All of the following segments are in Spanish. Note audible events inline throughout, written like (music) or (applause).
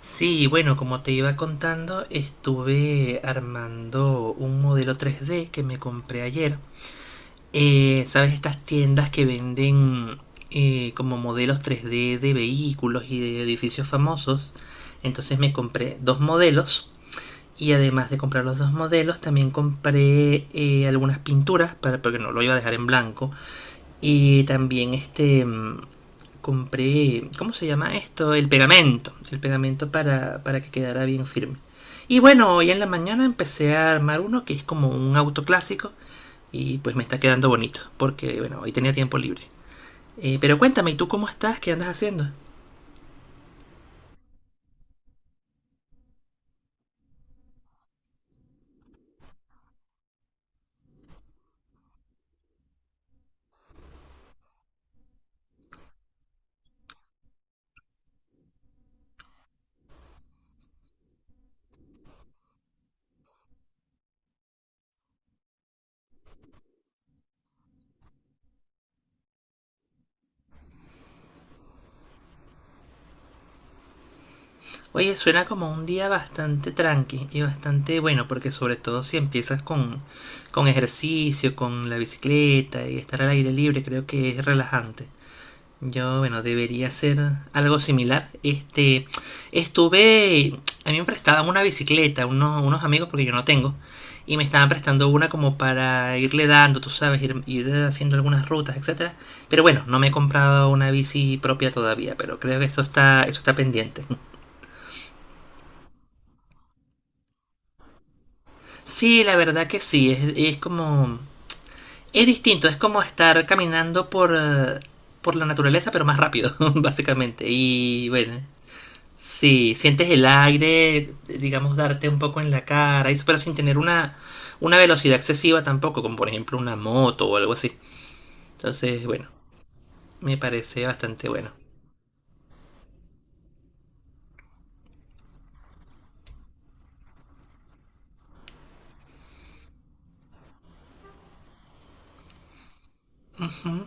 Sí, bueno, como te iba contando, estuve armando un modelo 3D que me compré ayer. ¿Sabes? Estas tiendas que venden como modelos 3D de vehículos y de edificios famosos. Entonces me compré dos modelos y además de comprar los dos modelos, también compré algunas pinturas para, porque no lo iba a dejar en blanco. Y también este, compré, ¿cómo se llama esto? El pegamento para, que quedara bien firme. Y bueno, hoy en la mañana empecé a armar uno que es como un auto clásico y pues me está quedando bonito, porque bueno, hoy tenía tiempo libre. Pero cuéntame, ¿y tú cómo estás? ¿Qué andas haciendo? Oye, suena como un día bastante tranqui y bastante bueno, porque sobre todo si empiezas con, ejercicio, con la bicicleta y estar al aire libre, creo que es relajante. Yo, bueno, debería ser algo similar. Este, estuve, a mí me prestaban una bicicleta, unos amigos, porque yo no tengo, y me estaban prestando una como para irle dando, tú sabes, ir, haciendo algunas rutas, etcétera. Pero bueno, no me he comprado una bici propia todavía, pero creo que eso está pendiente. Sí, la verdad que sí, es como, es distinto, es como estar caminando por la naturaleza, pero más rápido, (laughs) básicamente. Y bueno, sí, sientes el aire, digamos, darte un poco en la cara, pero sin tener una, velocidad excesiva tampoco, como por ejemplo una moto o algo así. Entonces, bueno, me parece bastante bueno. Ujú.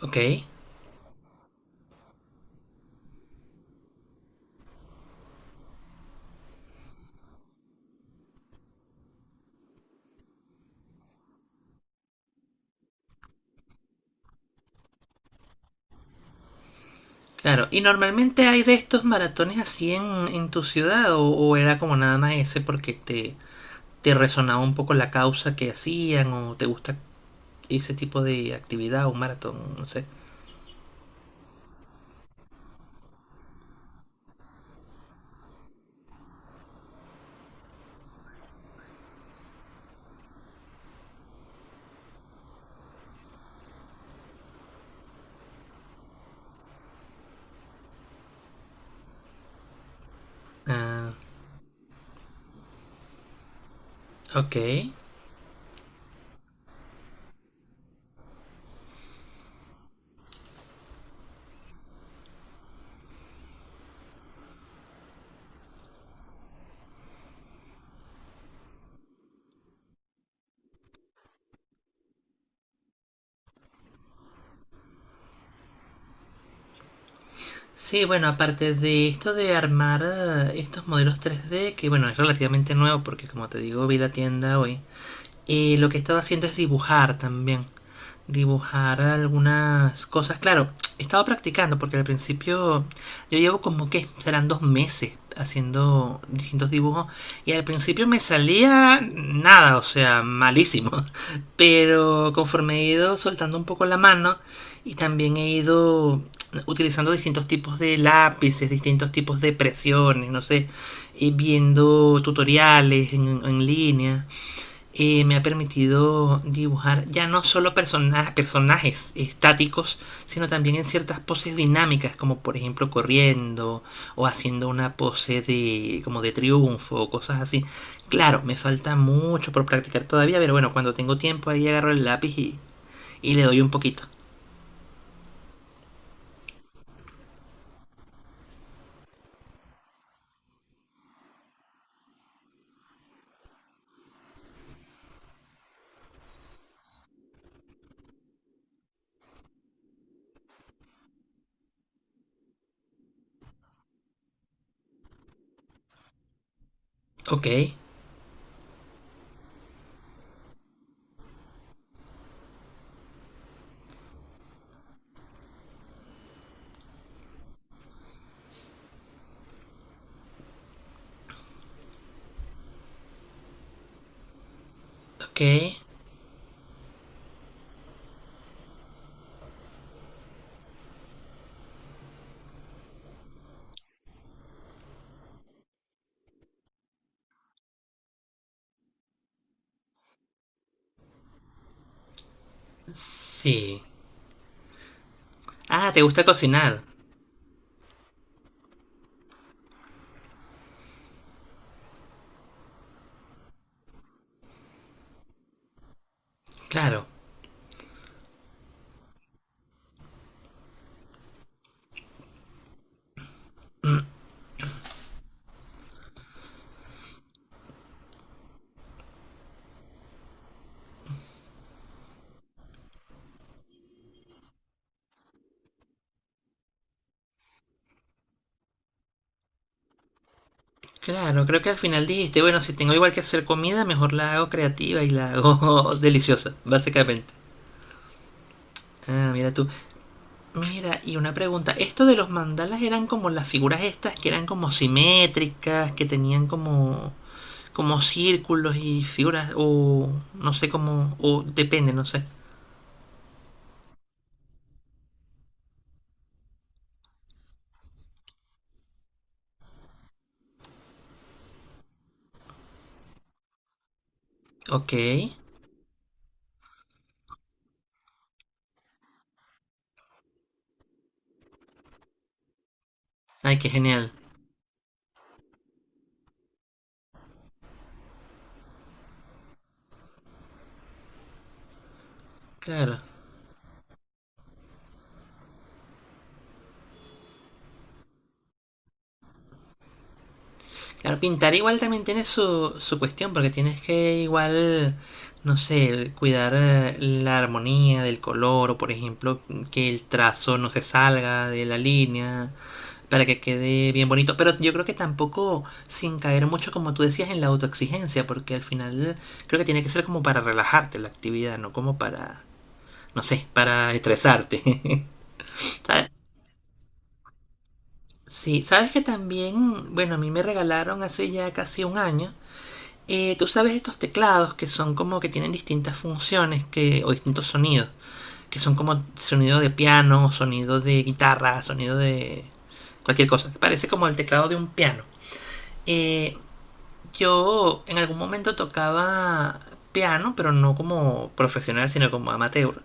Ok, claro. ¿Y normalmente hay de estos maratones así en, tu ciudad o era como nada más ese porque te resonaba un poco la causa que hacían o te gusta ese tipo de actividad o un maratón? No sé. Ah, ok. Sí, bueno, aparte de esto de armar estos modelos 3D, que bueno, es relativamente nuevo porque como te digo, vi la tienda hoy, lo que he estado haciendo es dibujar también dibujar algunas cosas. Claro, he estado practicando porque al principio yo llevo como que serán dos meses haciendo distintos dibujos y al principio me salía nada, o sea, malísimo. (laughs) Pero conforme he ido soltando un poco la mano y también he ido utilizando distintos tipos de lápices, distintos tipos de presiones, no sé, y viendo tutoriales en, línea me ha permitido dibujar ya no solo personajes estáticos, sino también en ciertas poses dinámicas, como por ejemplo corriendo o haciendo una pose de como de triunfo o cosas así. Claro, me falta mucho por practicar todavía, pero bueno, cuando tengo tiempo ahí agarro el lápiz y le doy un poquito. Ok, ok, sí. Ah, ¿te gusta cocinar? Claro. Claro, creo que al final dijiste, bueno, si tengo igual que hacer comida, mejor la hago creativa y la hago (laughs) deliciosa, básicamente. Ah, mira tú. Mira, y una pregunta, ¿esto de los mandalas eran como las figuras estas que eran como simétricas, que tenían como círculos y figuras o no sé cómo o depende, no sé. Ok. Ay, qué genial. Claro. Claro, pintar igual también tiene su cuestión, porque tienes que igual, no sé, cuidar la armonía del color, o por ejemplo, que el trazo no se salga de la línea, para que quede bien bonito. Pero yo creo que tampoco sin caer mucho, como tú decías, en la autoexigencia, porque al final creo que tiene que ser como para relajarte la actividad, no como para, no sé, para estresarte. (laughs) ¿Sabes? Sí, sabes que también, bueno, a mí me regalaron hace ya casi un año. Tú sabes estos teclados que son como que tienen distintas funciones o distintos sonidos, que son como sonido de piano, sonido de guitarra, sonido de cualquier cosa. Parece como el teclado de un piano. Eh, yo en algún momento tocaba piano, pero no como profesional, sino como amateur.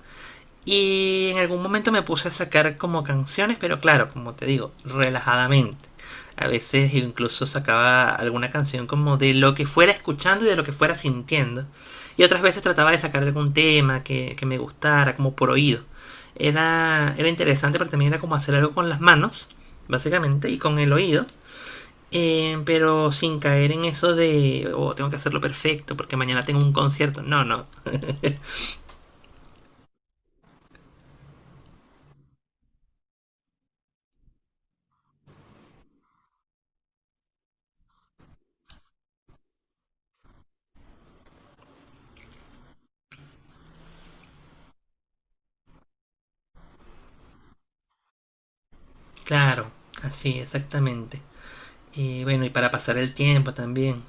Y en algún momento me puse a sacar como canciones, pero claro, como te digo, relajadamente. A veces incluso sacaba alguna canción como de lo que fuera escuchando y de lo que fuera sintiendo. Y otras veces trataba de sacar algún tema que me gustara, como por oído. era, interesante, pero también era como hacer algo con las manos, básicamente, y con el oído. Pero sin caer en eso de, oh, tengo que hacerlo perfecto porque mañana tengo un concierto. No, no. Claro, así, exactamente. Y bueno, y para pasar el tiempo también.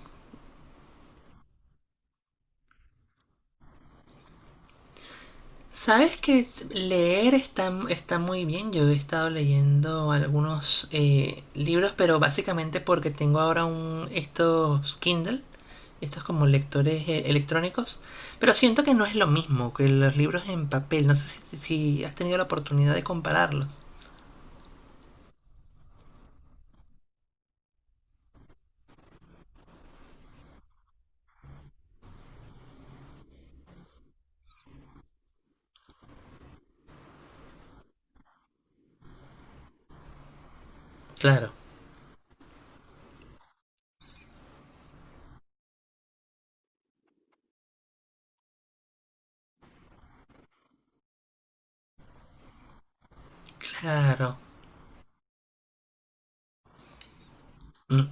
¿Sabes que leer está, muy bien? Yo he estado leyendo algunos libros, pero básicamente porque tengo ahora estos Kindle, estos como lectores electrónicos, pero siento que no es lo mismo que los libros en papel. No sé si, has tenido la oportunidad de compararlo. Claro, claro. Mm.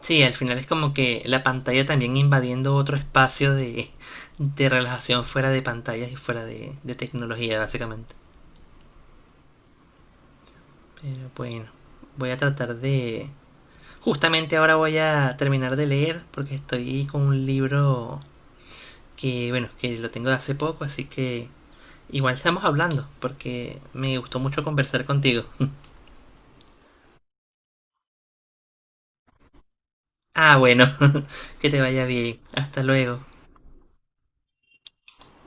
Sí, al final es como que la pantalla también invadiendo otro espacio de, relajación fuera de pantallas y fuera de tecnología, básicamente. Pero bueno, voy a tratar de... Justamente ahora voy a terminar de leer porque estoy con un libro que, bueno, que lo tengo de hace poco, así que igual estamos hablando porque me gustó mucho conversar contigo. Ah, bueno, (laughs) que te vaya bien. Hasta luego.